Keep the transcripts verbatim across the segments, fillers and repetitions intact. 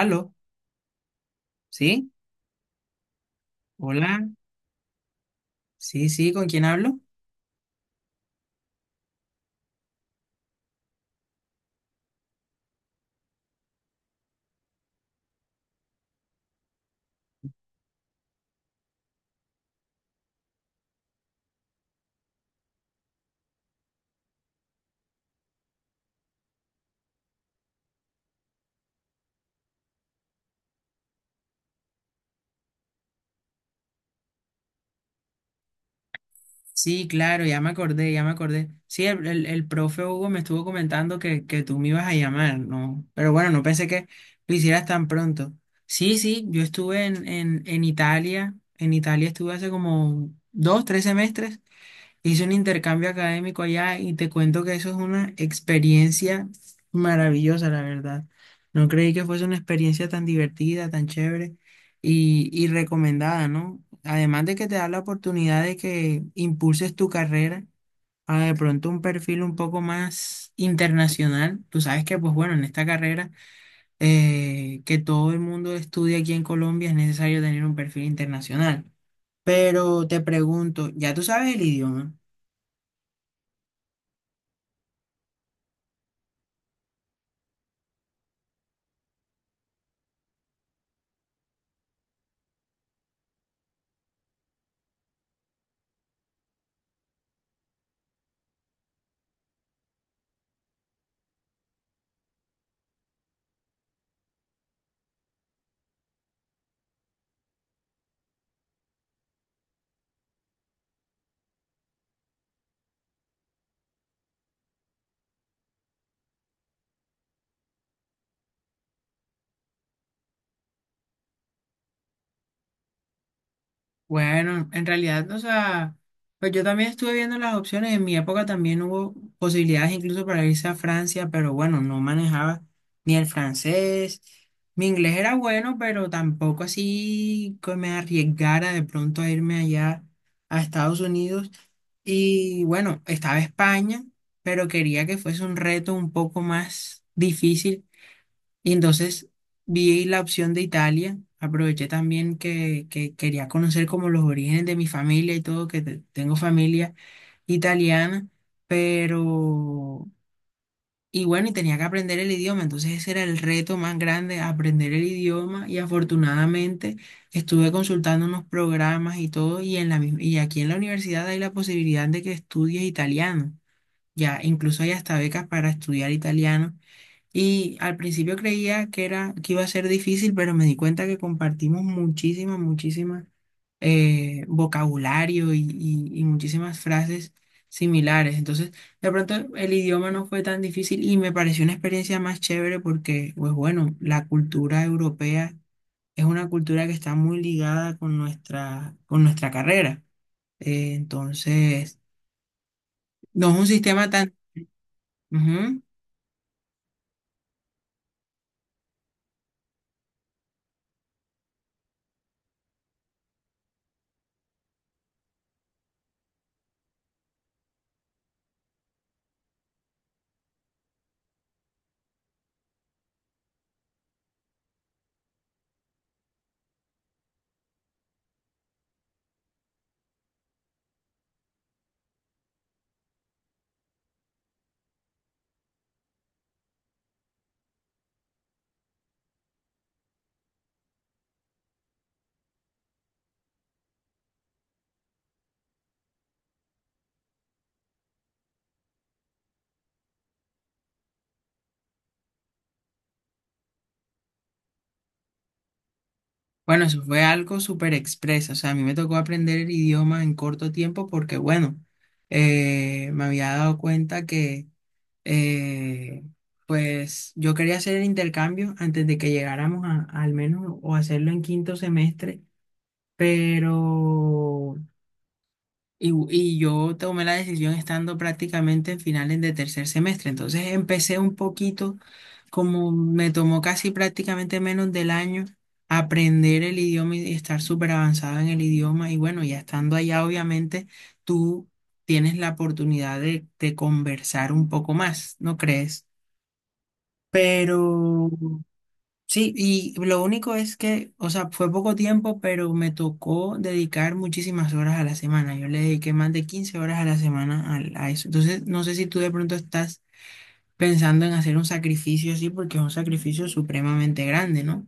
Aló, ¿sí? Hola, sí, sí, ¿con quién hablo? Sí, claro, ya me acordé, ya me acordé. Sí, el, el, el profe Hugo me estuvo comentando que, que tú me ibas a llamar, ¿no? Pero bueno, no pensé que lo hicieras tan pronto. Sí, sí, yo estuve en, en, en Italia, en Italia estuve hace como dos, tres semestres. Hice un intercambio académico allá y te cuento que eso es una experiencia maravillosa, la verdad. No creí que fuese una experiencia tan divertida, tan chévere y, y recomendada, ¿no? Además de que te da la oportunidad de que impulses tu carrera a de pronto un perfil un poco más internacional. Tú sabes que, pues bueno, en esta carrera, eh, que todo el mundo estudia aquí en Colombia, es necesario tener un perfil internacional. Pero te pregunto, ¿ya tú sabes el idioma? Bueno, en realidad, o sea, pues yo también estuve viendo las opciones. En mi época también hubo posibilidades incluso para irse a Francia, pero bueno, no manejaba ni el francés. Mi inglés era bueno, pero tampoco así que me arriesgara de pronto a irme allá a Estados Unidos. Y bueno, estaba España, pero quería que fuese un reto un poco más difícil. Y entonces vi la opción de Italia, aproveché también que, que quería conocer como los orígenes de mi familia y todo, que te- tengo familia italiana, pero... Y bueno, y tenía que aprender el idioma, entonces ese era el reto más grande, aprender el idioma. Y afortunadamente estuve consultando unos programas y todo y, en la, mis- y aquí en la universidad hay la posibilidad de que estudies italiano, ya incluso hay hasta becas para estudiar italiano. Y al principio creía que era, que iba a ser difícil, pero me di cuenta que compartimos muchísimas, muchísimas, eh, vocabulario y, y- y muchísimas frases similares. Entonces, de pronto el idioma no fue tan difícil y me pareció una experiencia más chévere porque, pues bueno, la cultura europea es una cultura que está muy ligada con nuestra, con nuestra carrera. Eh, entonces, no es un sistema tan... Ujú. Bueno, eso fue algo súper expreso. O sea, a mí me tocó aprender el idioma en corto tiempo porque, bueno, eh, me había dado cuenta que, eh, pues, yo quería hacer el intercambio antes de que llegáramos a, al menos o hacerlo en quinto semestre, pero y, y yo tomé la decisión estando prácticamente en finales de tercer semestre. Entonces empecé un poquito, como me tomó casi prácticamente menos del año, aprender el idioma y estar súper avanzada en el idioma. Y bueno, ya estando allá, obviamente, tú tienes la oportunidad de, de conversar un poco más, ¿no crees? Pero sí, y lo único es que, o sea, fue poco tiempo, pero me tocó dedicar muchísimas horas a la semana. Yo le dediqué más de quince horas a la semana al- a, eso. Entonces, no sé si tú de pronto estás pensando en hacer un sacrificio así, porque es un sacrificio supremamente grande, ¿no?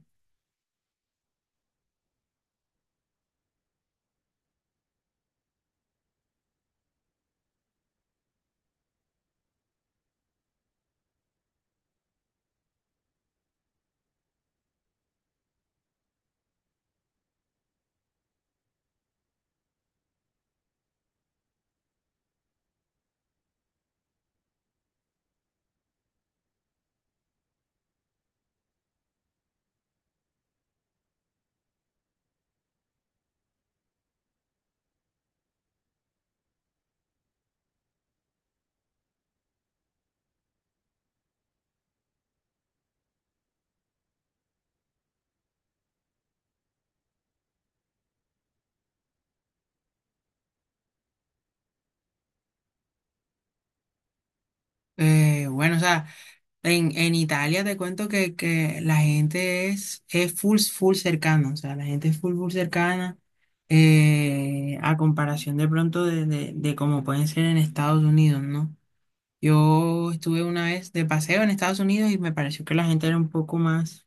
Eh, bueno, o sea, en, en Italia te cuento que, que la gente es, es full, full cercana, o sea, la gente es full, full cercana. Eh, a comparación de pronto de, de, de como pueden ser en Estados Unidos, ¿no? Yo estuve una vez de paseo en Estados Unidos y me pareció que la gente era un poco más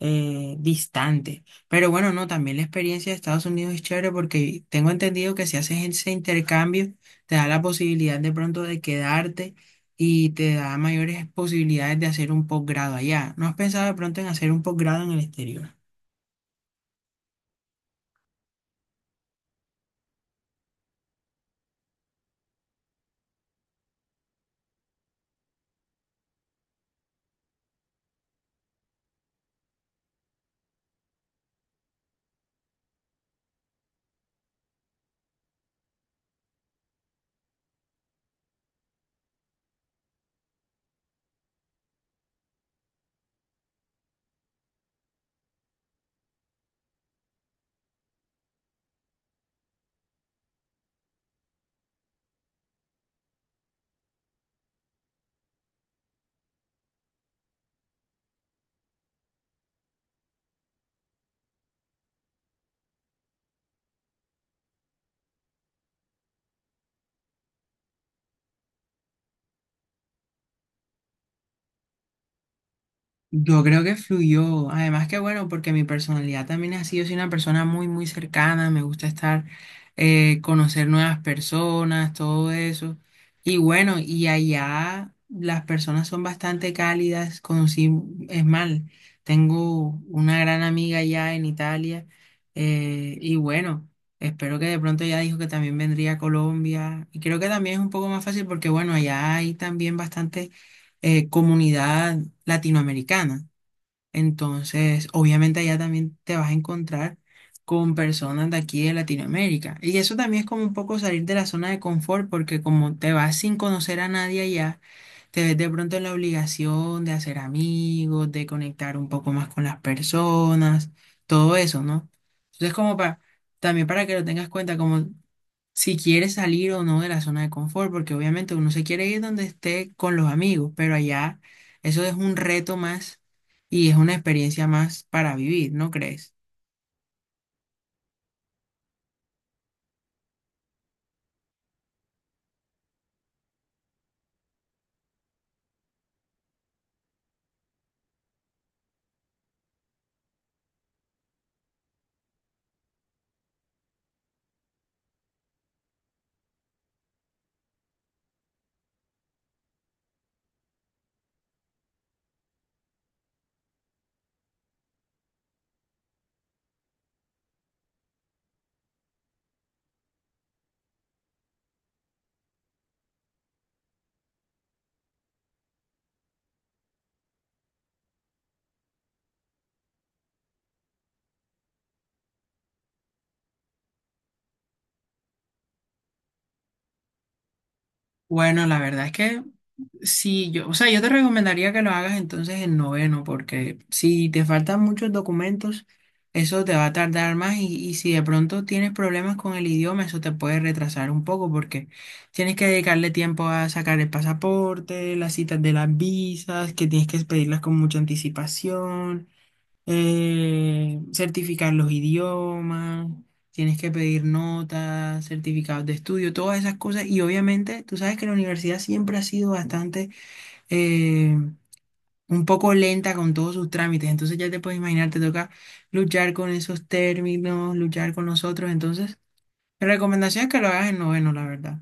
eh, distante. Pero bueno, no, también la experiencia de Estados Unidos es chévere porque tengo entendido que si haces ese intercambio, te da la posibilidad de pronto de quedarte y te da mayores posibilidades de hacer un posgrado allá. ¿No has pensado de pronto en hacer un posgrado en el exterior? Yo creo que fluyó, además que bueno, porque mi personalidad también ha sido, soy una persona muy, muy cercana, me gusta estar, eh, conocer nuevas personas, todo eso. Y bueno, y allá las personas son bastante cálidas, conocí, es mal, tengo una gran amiga allá en Italia, eh, y bueno, espero que de pronto ya dijo que también vendría a Colombia, y creo que también es un poco más fácil porque bueno, allá hay también bastante eh, comunidad latinoamericana. Entonces, obviamente allá también te vas a encontrar con personas de aquí de Latinoamérica. Y eso también es como un poco salir de la zona de confort, porque como te vas sin conocer a nadie allá, te ves de pronto en la obligación de hacer amigos, de conectar un poco más con las personas, todo eso, ¿no? Entonces, como para, también para que lo tengas cuenta, como si quiere salir o no de la zona de confort, porque obviamente uno se quiere ir donde esté con los amigos, pero allá eso es un reto más y es una experiencia más para vivir, ¿no crees? Bueno, la verdad es que sí, yo, o sea, yo te recomendaría que lo hagas entonces en noveno, porque si te faltan muchos documentos, eso te va a tardar más y, y si de pronto tienes problemas con el idioma, eso te puede retrasar un poco, porque tienes que dedicarle tiempo a sacar el pasaporte, las citas de las visas, que tienes que pedirlas con mucha anticipación, eh, certificar los idiomas, tienes que pedir notas, certificados de estudio, todas esas cosas. Y obviamente, tú sabes que la universidad siempre ha sido bastante, eh, un poco lenta con todos sus trámites. Entonces ya te puedes imaginar, te toca luchar con esos términos, luchar con los otros. Entonces, mi recomendación es que lo hagas en noveno, la verdad.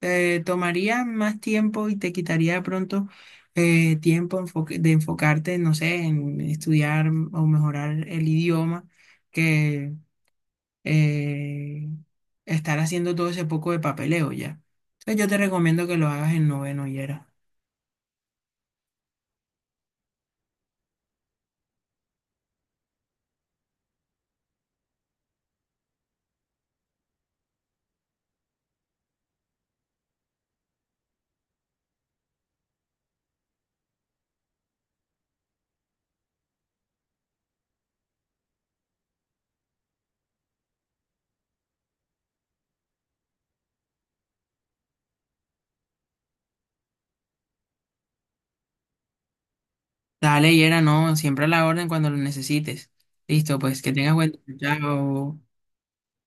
eh, Tomaría más tiempo y te quitaría de pronto eh, tiempo enfoque- de enfocarte, no sé, en estudiar o mejorar el idioma que eh, estar haciendo todo ese poco de papeleo ya. Entonces yo te recomiendo que lo hagas en noveno, Yera. Dale, Yera, no, siempre a la orden cuando lo necesites. Listo, pues que tengas buen día. Chao.